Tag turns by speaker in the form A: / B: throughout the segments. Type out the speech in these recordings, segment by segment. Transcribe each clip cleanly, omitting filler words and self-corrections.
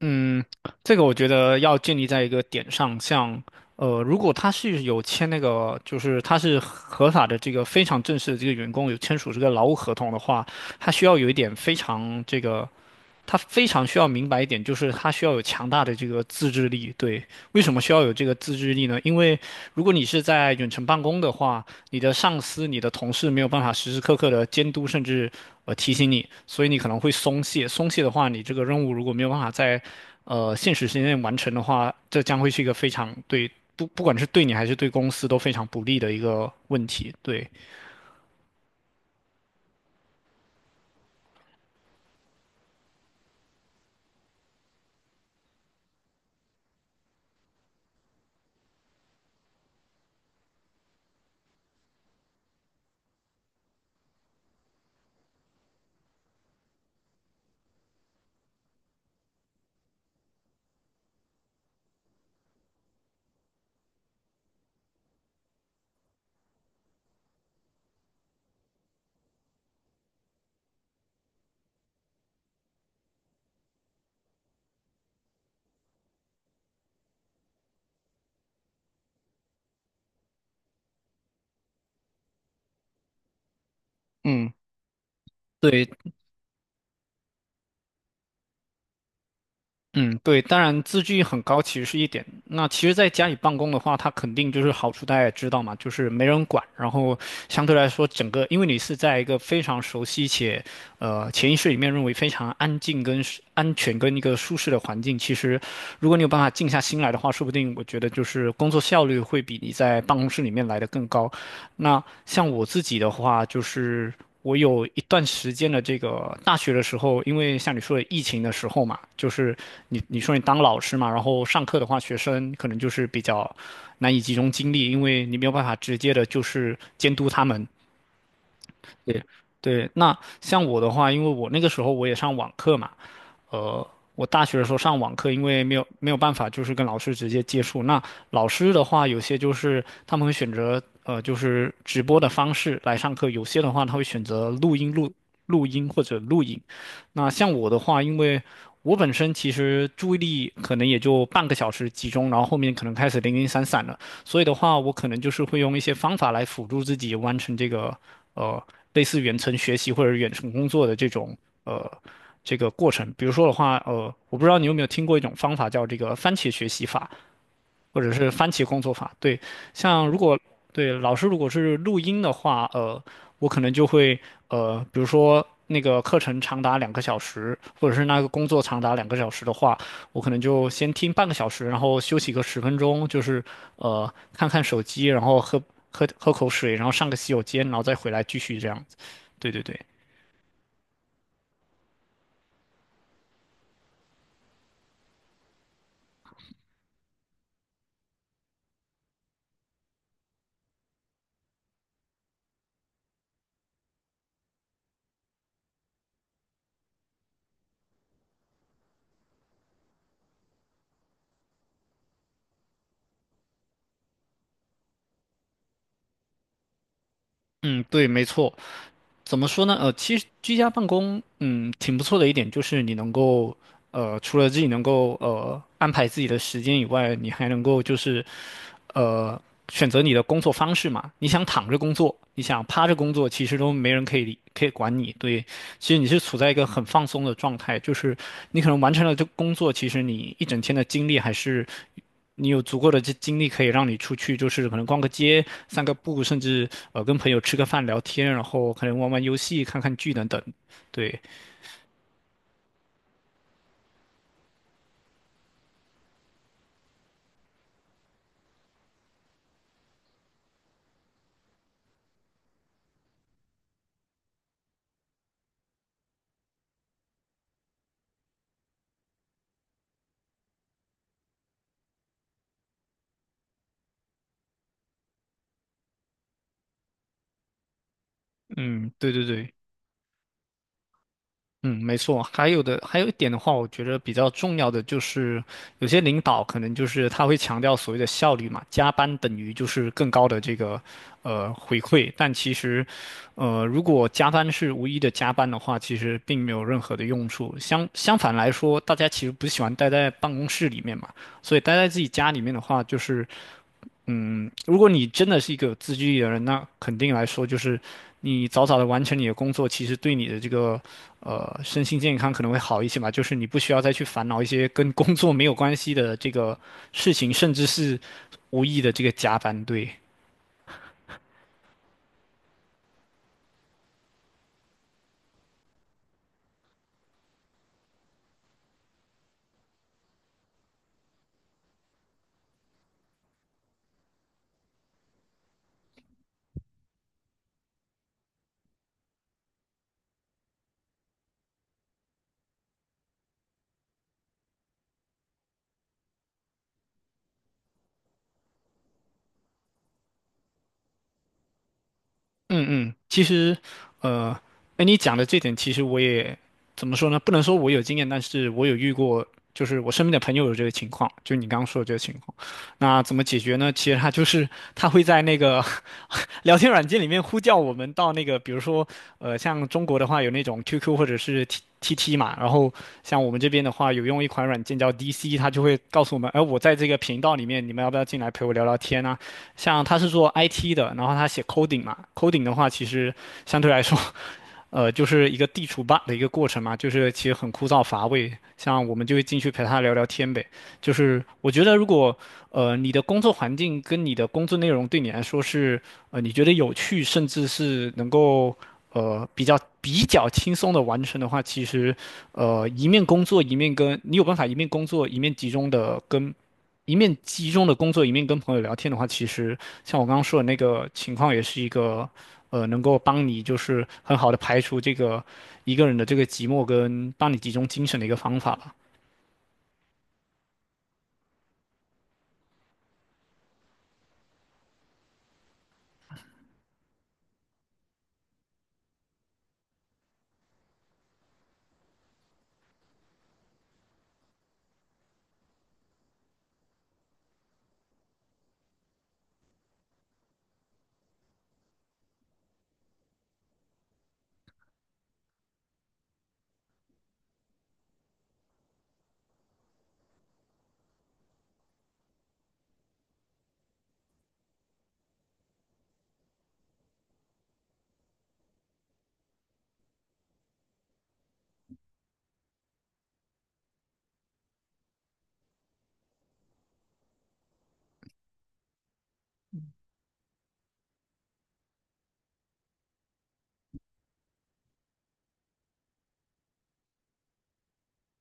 A: 嗯，这个我觉得要建立在一个点上，像如果他是有签那个，就是他是合法的这个非常正式的这个员工有签署这个劳务合同的话，他需要有一点非常这个他非常需要明白一点，就是他需要有强大的这个自制力。对，为什么需要有这个自制力呢？因为如果你是在远程办公的话，你的上司、你的同事没有办法时时刻刻的监督，甚至提醒你，所以你可能会松懈。松懈的话，你这个任务如果没有办法在现实时间内完成的话，这将会是一个非常不管是对你还是对公司都非常不利的一个问题。对，嗯，对，嗯，对，当然自制力很高其实是一点。那其实在家里办公的话，它肯定就是好处，大家也知道嘛，就是没人管，然后相对来说，整个因为你是在一个非常熟悉且潜意识里面认为非常安静跟安全跟一个舒适的环境，其实如果你有办法静下心来的话，说不定我觉得就是工作效率会比你在办公室里面来的更高。那像我自己的话，就是我有一段时间的这个大学的时候，因为像你说的疫情的时候嘛，就是你说你当老师嘛，然后上课的话，学生可能就是比较难以集中精力，因为你没有办法直接的就是监督他们。对，对，那像我的话，因为我那个时候我也上网课嘛，呃，我大学的时候上网课，因为没有办法，就是跟老师直接接触。那老师的话，有些就是他们会选择就是直播的方式来上课；有些的话，他会选择录音或者录影。那像我的话，因为我本身其实注意力可能也就半个小时集中，然后后面可能开始零零散散了。所以的话，我可能就是会用一些方法来辅助自己完成这个呃类似远程学习或者远程工作的这种呃这个过程。比如说的话，我不知道你有没有听过一种方法叫这个番茄学习法，或者是番茄工作法。对，像如果对老师如果是录音的话，我可能就会比如说那个课程长达两个小时，或者是那个工作长达两个小时的话，我可能就先听半个小时，然后休息个10分钟，就是看看手机，然后喝口水，然后上个洗手间，然后再回来继续这样子。对对对，嗯，对，没错。怎么说呢？其实居家办公，嗯，挺不错的一点就是你能够，除了自己能够安排自己的时间以外，你还能够就是。呃选择你的工作方式嘛。你想躺着工作，你想趴着工作，其实都没人可以管你。对，其实你是处在一个很放松的状态，就是你可能完成了这个工作，其实你一整天的精力还是。你有足够的这精力可以让你出去，就是可能逛个街、散个步，甚至跟朋友吃个饭、聊天，然后可能玩玩游戏、看看剧等等。对，嗯，对对对，嗯，没错。还有的，还有一点的话，我觉得比较重要的就是，有些领导可能就是他会强调所谓的效率嘛，加班等于就是更高的这个回馈。但其实，如果加班是无意义的加班的话，其实并没有任何的用处。相反来说，大家其实不喜欢待在办公室里面嘛，所以待在自己家里面的话，就是。如果你真的是一个有自制力的人，那肯定来说就是，你早早的完成你的工作，其实对你的这个身心健康可能会好一些嘛。就是你不需要再去烦恼一些跟工作没有关系的这个事情，甚至是无意的这个加班。对，嗯嗯，其实，呃，哎，你讲的这点，其实我也怎么说呢？不能说我有经验，但是我有遇过，就是我身边的朋友有这个情况，就你刚刚说的这个情况。那怎么解决呢？其实他就是他会在那个 聊天软件里面呼叫我们到那个，比如说，像中国的话有那种 QQ 或者是 TT 嘛，然后像我们这边的话有用一款软件叫 DC，它就会告诉我们，哎、我在这个频道里面，你们要不要进来陪我聊聊天啊？像他是做 IT 的，然后他写 coding 嘛，coding 的话其实相对来说，就是一个地除 bug 的一个过程嘛，就是其实很枯燥乏味。像我们就会进去陪他聊聊天呗。就是我觉得如果你的工作环境跟你的工作内容对你来说是你觉得有趣，甚至是能够。比较轻松的完成的话，其实，一面工作一面跟你有办法一面工作一面集中的跟一面集中的工作，一面跟朋友聊天的话，其实像我刚刚说的那个情况，也是一个能够帮你就是很好的排除这个一个人的这个寂寞，跟帮你集中精神的一个方法吧。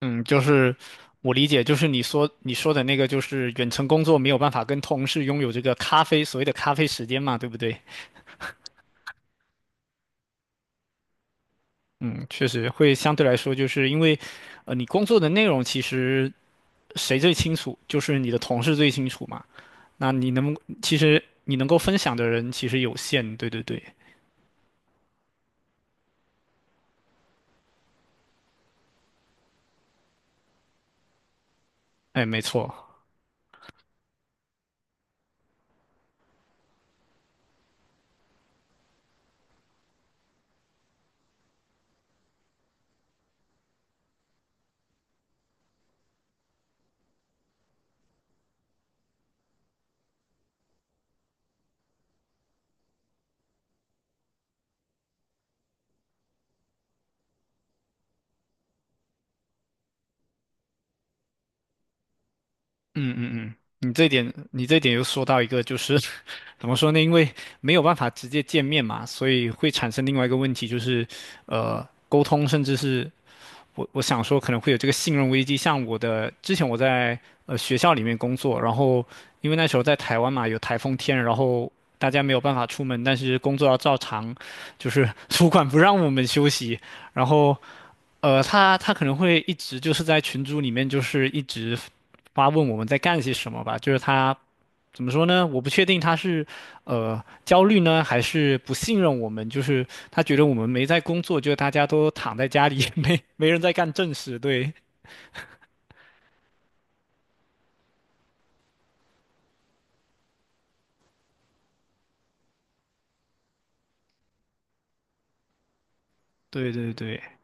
A: 嗯，就是我理解，就是你说的那个，就是远程工作没有办法跟同事拥有这个咖啡，所谓的咖啡时间嘛，对不对？嗯，确实会相对来说，就是因为，你工作的内容其实谁最清楚，就是你的同事最清楚嘛。那你能，其实你能够分享的人其实有限，对对对，哎，没错，嗯嗯嗯，你这点又说到一个，就是 怎么说呢？因为没有办法直接见面嘛，所以会产生另外一个问题，就是沟通甚至是我想说可能会有这个信任危机。像我的之前我在学校里面工作，然后因为那时候在台湾嘛，有台风天，然后大家没有办法出门，但是工作要照常，就是 主管不让我们休息，然后他可能会一直就是在群组里面就是一直发问我们在干些什么吧，就是他怎么说呢？我不确定他是焦虑呢，还是不信任我们，就是他觉得我们没在工作，就是大家都躺在家里，没人在干正事。对，对对对。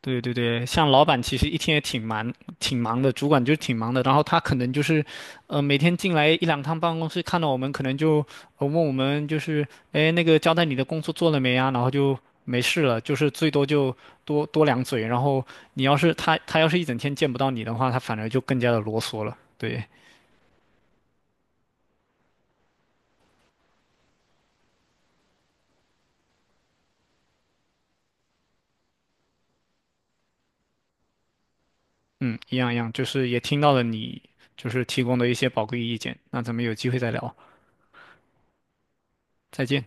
A: 对对对，像老板其实一天也挺忙，挺忙的，主管就是挺忙的。然后他可能就是，每天进来一两趟办公室，看到我们可能就，问我们就是，哎，那个交代你的工作做了没啊？然后就没事了，就是最多就多多两嘴。然后你要是他他要是一整天见不到你的话，他反而就更加的啰嗦了。对，嗯，一样一样，就是也听到了你就是提供的一些宝贵意见。那咱们有机会再聊，再见。